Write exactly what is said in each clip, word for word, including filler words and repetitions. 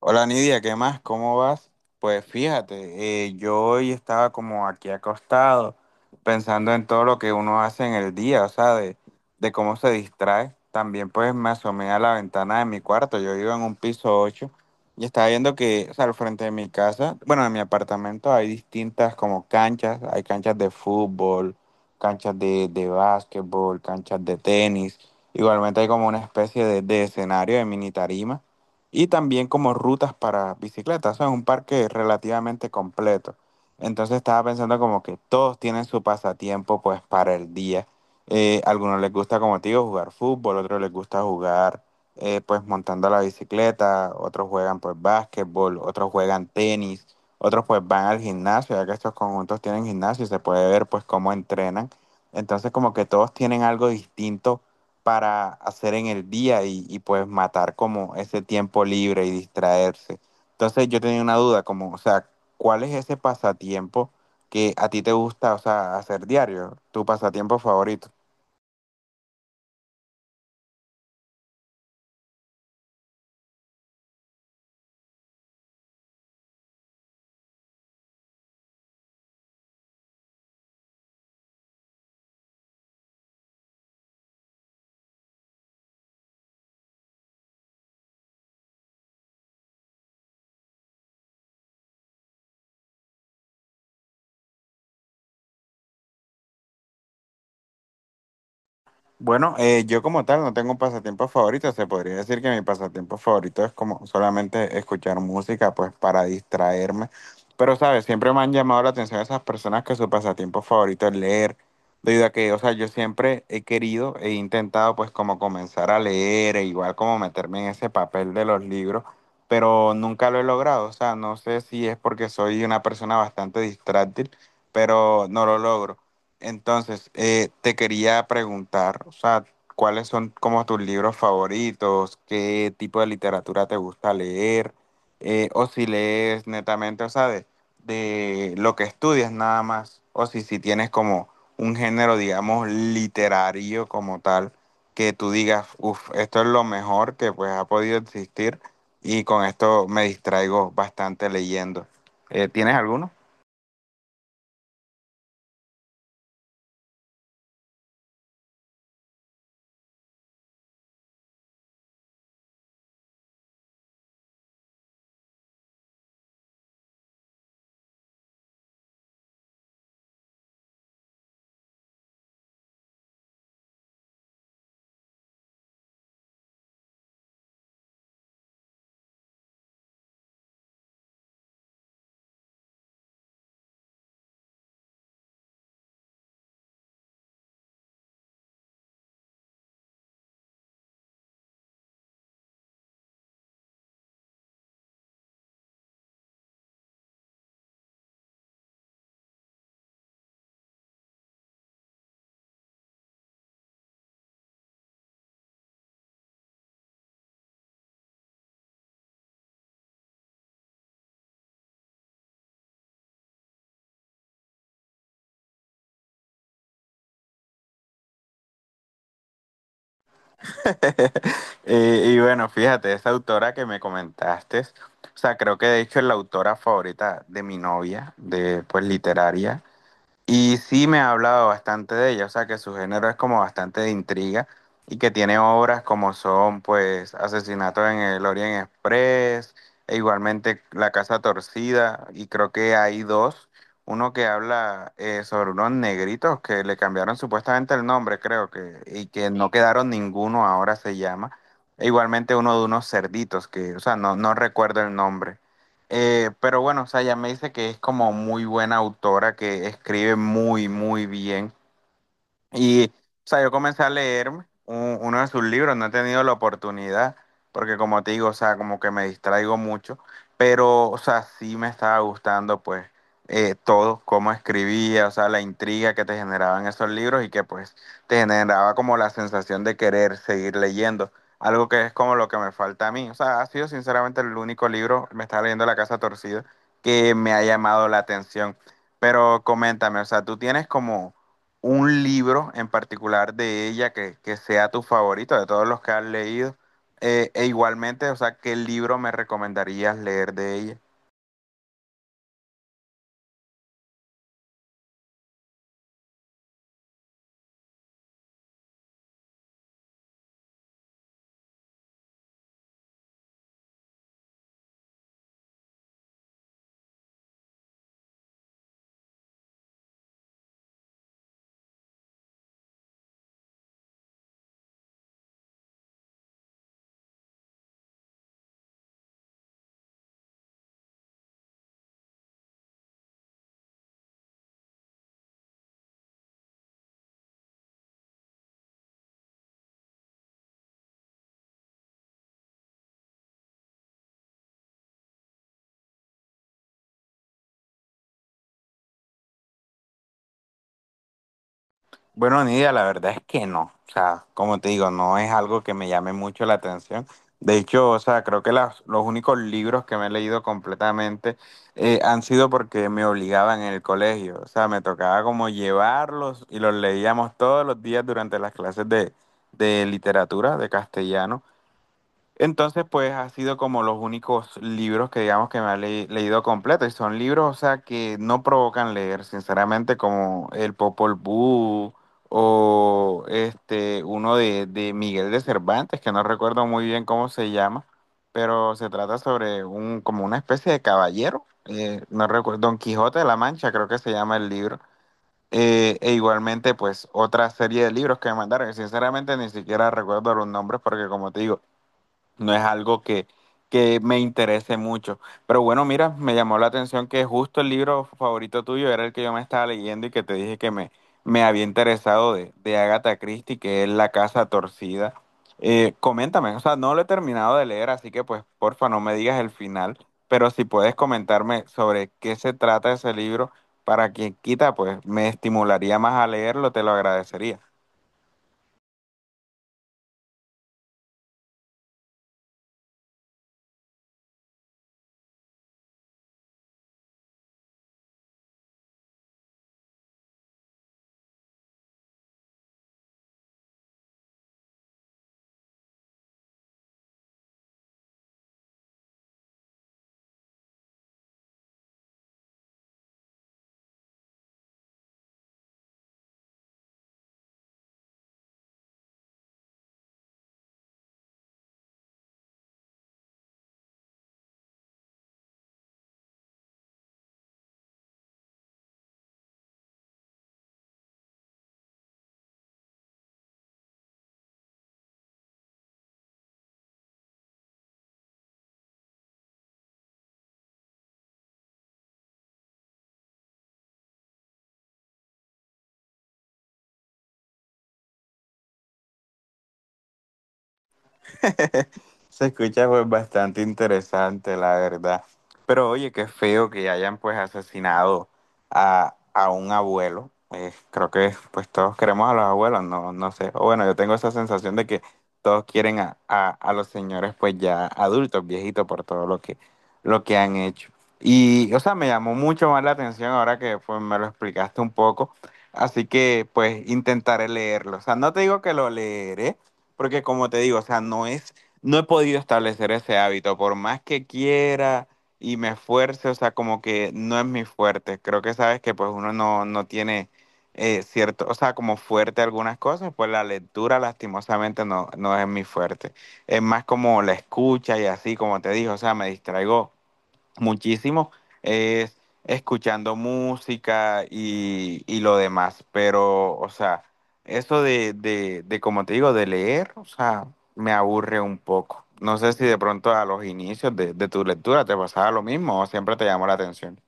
Hola, Nidia, ¿qué más? ¿Cómo vas? Pues fíjate, eh, yo hoy estaba como aquí acostado pensando en todo lo que uno hace en el día, o sea, de, de cómo se distrae. También pues me asomé a la ventana de mi cuarto, yo vivo en un piso ocho y estaba viendo que, o sea, al frente de mi casa, bueno, de mi apartamento hay distintas como canchas, hay canchas de fútbol, canchas de, de básquetbol, canchas de tenis, igualmente hay como una especie de, de escenario de mini tarima y también como rutas para bicicletas. O sea, es un parque relativamente completo. Entonces estaba pensando como que todos tienen su pasatiempo pues para el día. Eh, algunos les gusta, como te digo, jugar fútbol, otros les gusta jugar eh, pues montando la bicicleta, otros juegan pues básquetbol, otros juegan tenis, otros pues van al gimnasio, ya que estos conjuntos tienen gimnasio y se puede ver pues cómo entrenan. Entonces como que todos tienen algo distinto para hacer en el día y, y, pues matar como ese tiempo libre y distraerse. Entonces yo tenía una duda, como, o sea, ¿cuál es ese pasatiempo que a ti te gusta, o sea, hacer diario? Tu pasatiempo favorito. Bueno, eh, yo como tal no tengo un pasatiempo favorito. Se podría decir que mi pasatiempo favorito es como solamente escuchar música, pues para distraerme. Pero, ¿sabes? Siempre me han llamado la atención esas personas que su pasatiempo favorito es leer. Debido a que, o sea, yo siempre he querido, he intentado pues como comenzar a leer e igual como meterme en ese papel de los libros, pero nunca lo he logrado. O sea, no sé si es porque soy una persona bastante distráctil, pero no lo logro. Entonces, eh, te quería preguntar, o sea, ¿cuáles son como tus libros favoritos? ¿Qué tipo de literatura te gusta leer? Eh, o si lees netamente, o sea, de, de lo que estudias nada más, o si, si tienes como un género, digamos, literario como tal, que tú digas, uff, esto es lo mejor que pues ha podido existir y con esto me distraigo bastante leyendo. Eh, ¿tienes alguno? Y, y bueno, fíjate, esa autora que me comentaste, o sea, creo que de hecho es la autora favorita de mi novia, de pues literaria. Y sí me ha hablado bastante de ella, o sea que su género es como bastante de intriga y que tiene obras como son pues Asesinato en el Orient Express e igualmente La Casa Torcida y creo que hay dos, uno que habla eh, sobre unos negritos que le cambiaron supuestamente el nombre creo que y que no quedaron ninguno ahora se llama e igualmente uno de unos cerditos que, o sea, no, no recuerdo el nombre. Eh, pero bueno, o sea, ella me dice que es como muy buena autora, que escribe muy, muy bien. Y, o sea, yo comencé a leerme un- uno de sus libros, no he tenido la oportunidad, porque como te digo, o sea, como que me distraigo mucho, pero, o sea, sí me estaba gustando, pues, eh, todo, cómo escribía, o sea, la intriga que te generaban esos libros y que, pues, te generaba como la sensación de querer seguir leyendo, algo que es como lo que me falta a mí. O sea, ha sido sinceramente el único libro, me estaba leyendo La Casa Torcida, que me ha llamado la atención. Pero coméntame, o sea, tú tienes como un libro en particular de ella que, que sea tu favorito de todos los que has leído. Eh, e igualmente, o sea, ¿qué libro me recomendarías leer de ella? Bueno, Nidia, la verdad es que no. O sea, como te digo, no es algo que me llame mucho la atención. De hecho, o sea, creo que las- los únicos libros que me he leído completamente eh, han sido porque me obligaban en el colegio. O sea, me tocaba como llevarlos y los leíamos todos los días durante las clases de, de literatura, de castellano. Entonces, pues ha sido como los únicos libros que digamos que me ha le- leído completo. Y son libros, o sea, que no provocan leer, sinceramente, como El Popol Vuh o este, uno de, de Miguel de Cervantes, que no recuerdo muy bien cómo se llama, pero se trata sobre un, como una especie de caballero. Eh, no recuerdo, Don Quijote de la Mancha, creo que se llama el libro. Eh, e igualmente, pues, otra serie de libros que me mandaron, que sinceramente ni siquiera recuerdo los nombres, porque como te digo, no es algo que, que me interese mucho. Pero bueno, mira, me llamó la atención que justo el libro favorito tuyo era el que yo me estaba leyendo y que te dije que me, me había interesado de, de Agatha Christie, que es La Casa Torcida. Eh, coméntame, o sea, no lo he terminado de leer, así que pues porfa no me digas el final, pero si puedes comentarme sobre qué se trata ese libro, para quien quita, pues me estimularía más a leerlo, te lo agradecería. Se escucha pues bastante interesante, la verdad. Pero oye, qué feo que hayan pues asesinado a, a un abuelo. Eh, creo que pues todos queremos a los abuelos, no, no sé. O bueno, yo tengo esa sensación de que todos quieren a, a- a los señores pues ya adultos, viejitos, por todo lo que, lo que han hecho. Y, o sea, me llamó mucho más la atención ahora que pues me lo explicaste un poco. Así que pues intentaré leerlo. O sea, no te digo que lo leeré, porque como te digo, o sea, no es no he podido establecer ese hábito, por más que quiera y me esfuerce, o sea, como que no es mi fuerte. Creo que sabes que pues uno no, no tiene eh, cierto, o sea, como fuerte algunas cosas, pues la lectura lastimosamente no, no es mi fuerte. Es más como la escucha y así, como te dije, o sea, me distraigo muchísimo es escuchando música y, y lo demás, pero, o sea, eso de, de, de, como te digo, de leer, o sea, me aburre un poco. No sé si de pronto a los inicios de, de tu lectura te pasaba lo mismo o siempre te llamó la atención.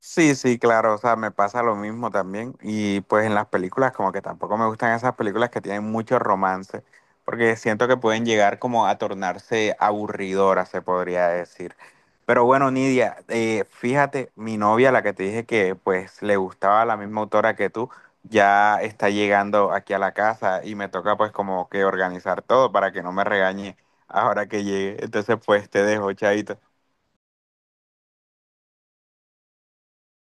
Sí, sí, claro, o sea, me pasa lo mismo también. Y pues en las películas como que tampoco me gustan esas películas que tienen mucho romance, porque siento que pueden llegar como a tornarse aburridoras, se podría decir. Pero bueno, Nidia, eh, fíjate, mi novia, la que te dije que pues le gustaba la misma autora que tú, ya está llegando aquí a la casa y me toca pues como que organizar todo para que no me regañe ahora que llegue. Entonces pues te dejo, chaito.